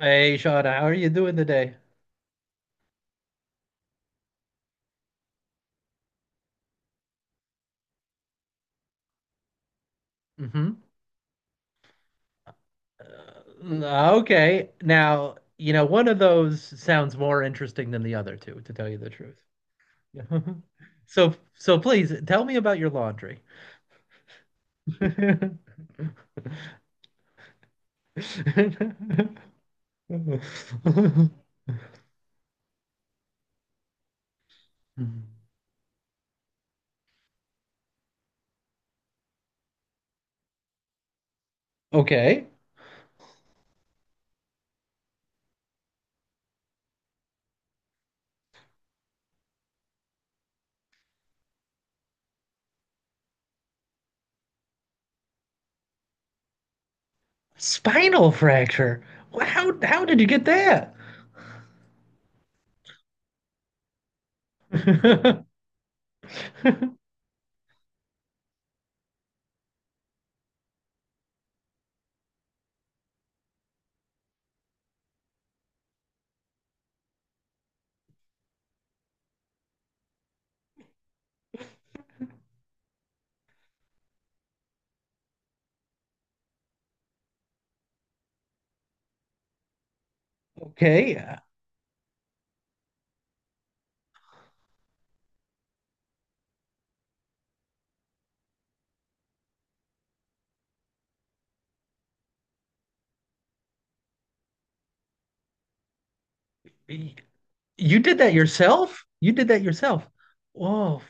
Hey, Shauna, how are you doing today? hmm okay. Now, you know, one of those sounds more interesting than the other two, to tell you the truth. Yeah. So please tell me about your laundry. Okay. Spinal fracture. How did you get that? Okay. Y- You did that yourself? You did that yourself. Whoa.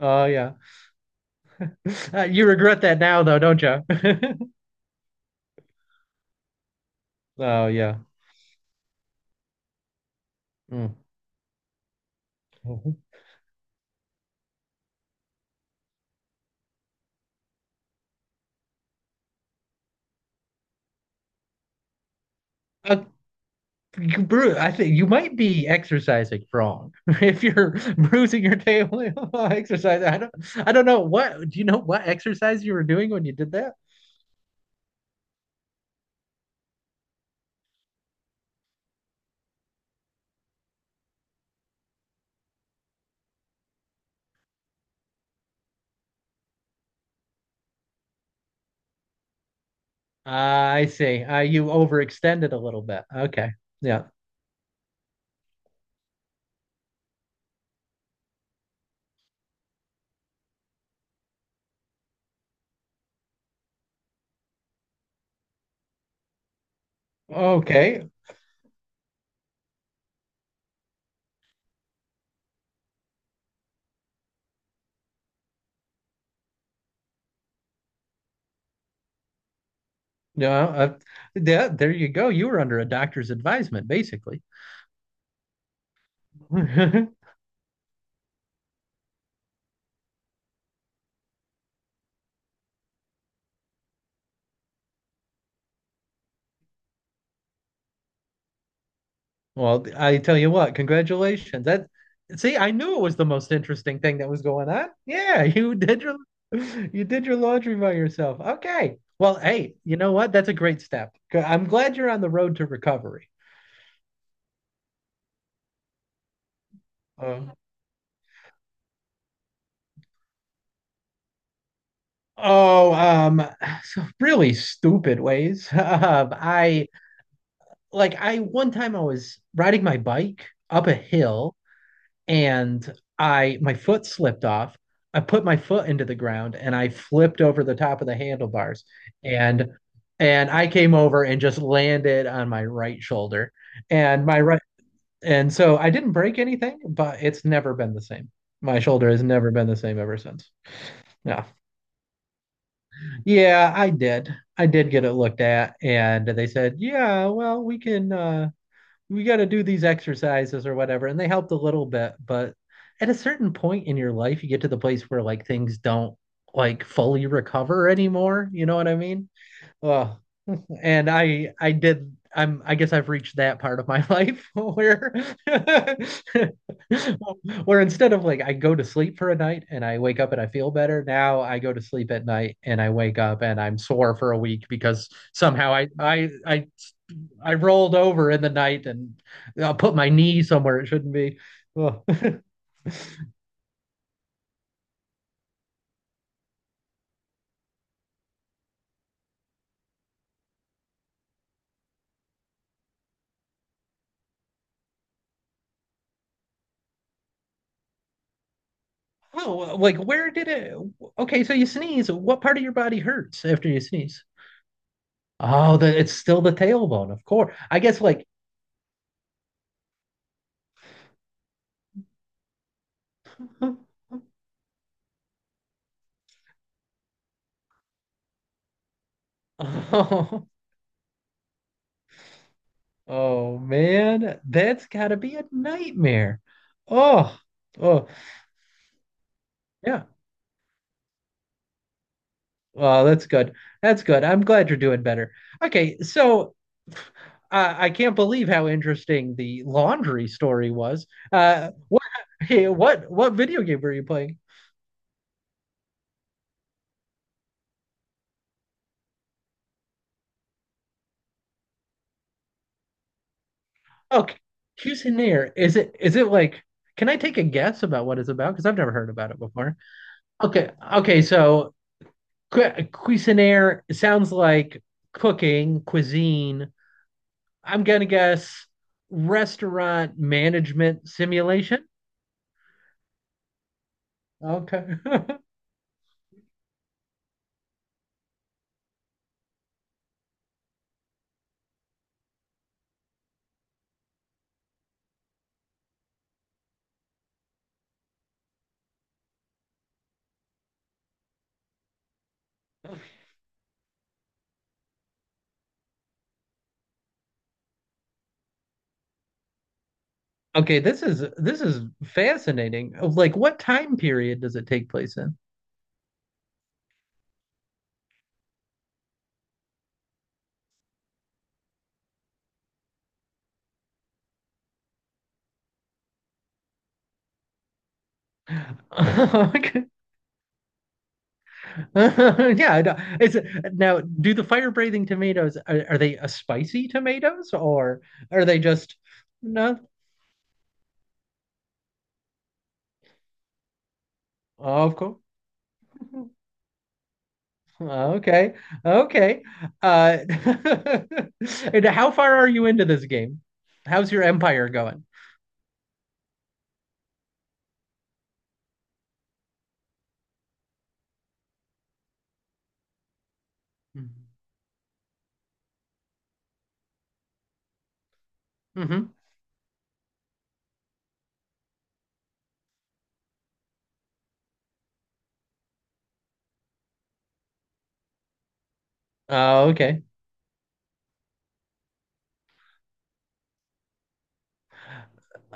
Oh yeah. You regret that now, though, don't you? Oh, yeah. Mm. Uh, you bru I think you might be exercising wrong if you're bruising your table. Exercise. I don't. I don't know what. Do you know what exercise you were doing when you did that? Ah, I see. You overextended a little bit. Okay. Yeah. Okay. No. Yeah, there you go. You were under a doctor's advisement, basically. Well, I tell you what, congratulations. That See, I knew it was the most interesting thing that was going on. Yeah, you did your you did your laundry by yourself. Okay. Well, hey, you know what? That's a great step. I'm glad you're on the road to recovery. Uh, oh, um, so really stupid ways. I like I one time I was riding my bike up a hill and I my foot slipped off. I put my foot into the ground and I flipped over the top of the handlebars and and I came over and just landed on my right shoulder and my right and so I didn't break anything, but it's never been the same. My shoulder has never been the same ever since. Yeah. Yeah, I did. I did get it looked at and they said, "Yeah, well, we can we got to do these exercises or whatever," and they helped a little bit, but at a certain point in your life you get to the place where like things don't like fully recover anymore, you know what I mean? Well, and I did. I'm I Guess I've reached that part of my life where where instead of like I go to sleep for a night and I wake up and I feel better, now I go to sleep at night and I wake up and I'm sore for a week because somehow I rolled over in the night and I put my knee somewhere it shouldn't be. Oh. Oh, like where did it? Okay, so you sneeze. What part of your body hurts after you sneeze? Oh, the it's still the tailbone, of course. I guess like oh, oh man, that's gotta be a nightmare. Oh, oh yeah. Well, that's good. That's good. I'm glad you're doing better. Okay, so I can't believe how interesting the laundry story was. What, hey, what video game were you playing? Okay, Cuisinaire. Is it like? Can I take a guess about what it's about? Because I've never heard about it before. Okay, okay. So Cuisinaire sounds like cooking, cuisine. I'm gonna guess restaurant management simulation. Okay. Okay, this is fascinating. Like, what time period does it take place in? Okay. Yeah, I know. It's now. Do the fire breathing tomatoes Are they a spicy tomatoes or are they just no? Oh, of course. Okay, okay. Uh, and how far are you into this game? How's your empire going? Mm-hmm. Oh, okay.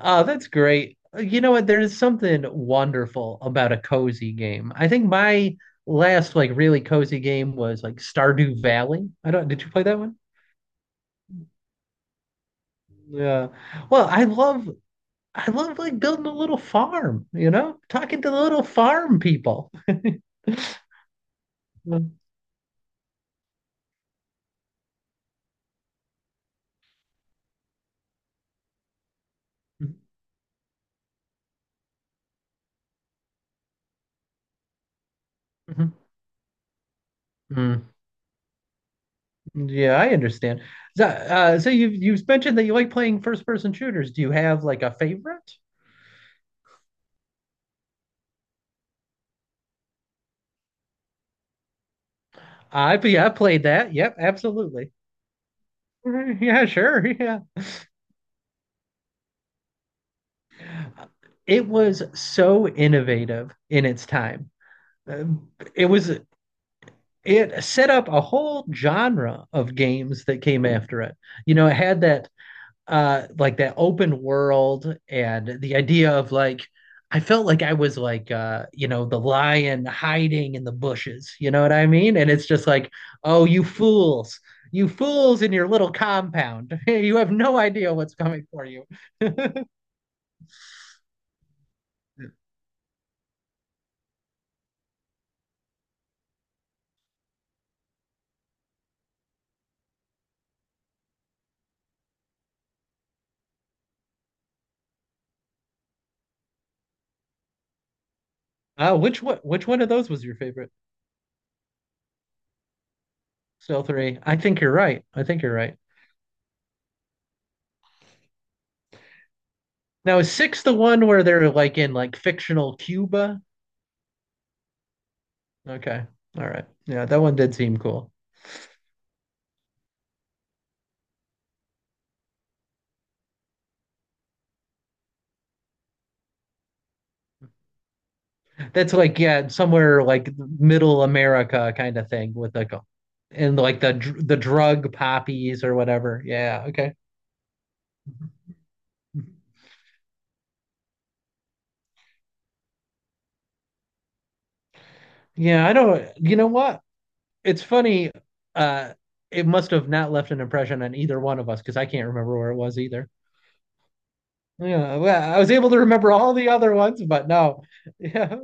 Oh, that's great. You know what? There is something wonderful about a cozy game. I think my last like really cozy game was like Stardew Valley. I don't, did you play that one? Yeah. Well, I love like building a little farm, you know? Talking to the little farm people. Mhm. Mhm. Mm. Yeah, I understand. So, so you've mentioned that you like playing first person shooters. Do you have like a favorite? I Yeah, I played that. Yep, absolutely. Yeah, sure. Yeah. It was so innovative in its time. Um, It was it set up a whole genre of games that came after it. You know, it had that like that open world and the idea of like I felt like I was like you know, the lion hiding in the bushes, you know what I mean? And it's just like, "Oh, you fools. You fools in your little compound. You have no idea what's coming for you." Which one of those was your favorite? Still three. I think you're right. I think you're right. Now is six the one where they're like in like fictional Cuba? Okay. All right. Yeah, that one did seem cool. That's like yeah, somewhere like middle America kind of thing with like a, and like the the drug poppies or whatever. Yeah, okay. Yeah, I don't, you know what? It's funny, uh it must have not left an impression on either one of us because I can't remember where it was either. Yeah, well, I was able to remember all the other ones, but no. Yeah.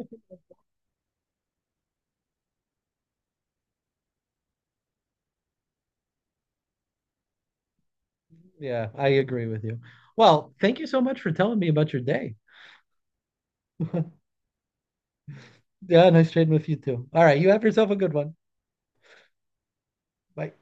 Yeah, I agree with you. Well, thank you so much for telling me about your day. Yeah, nice trading with you too. All right, you have yourself a good one. Bye.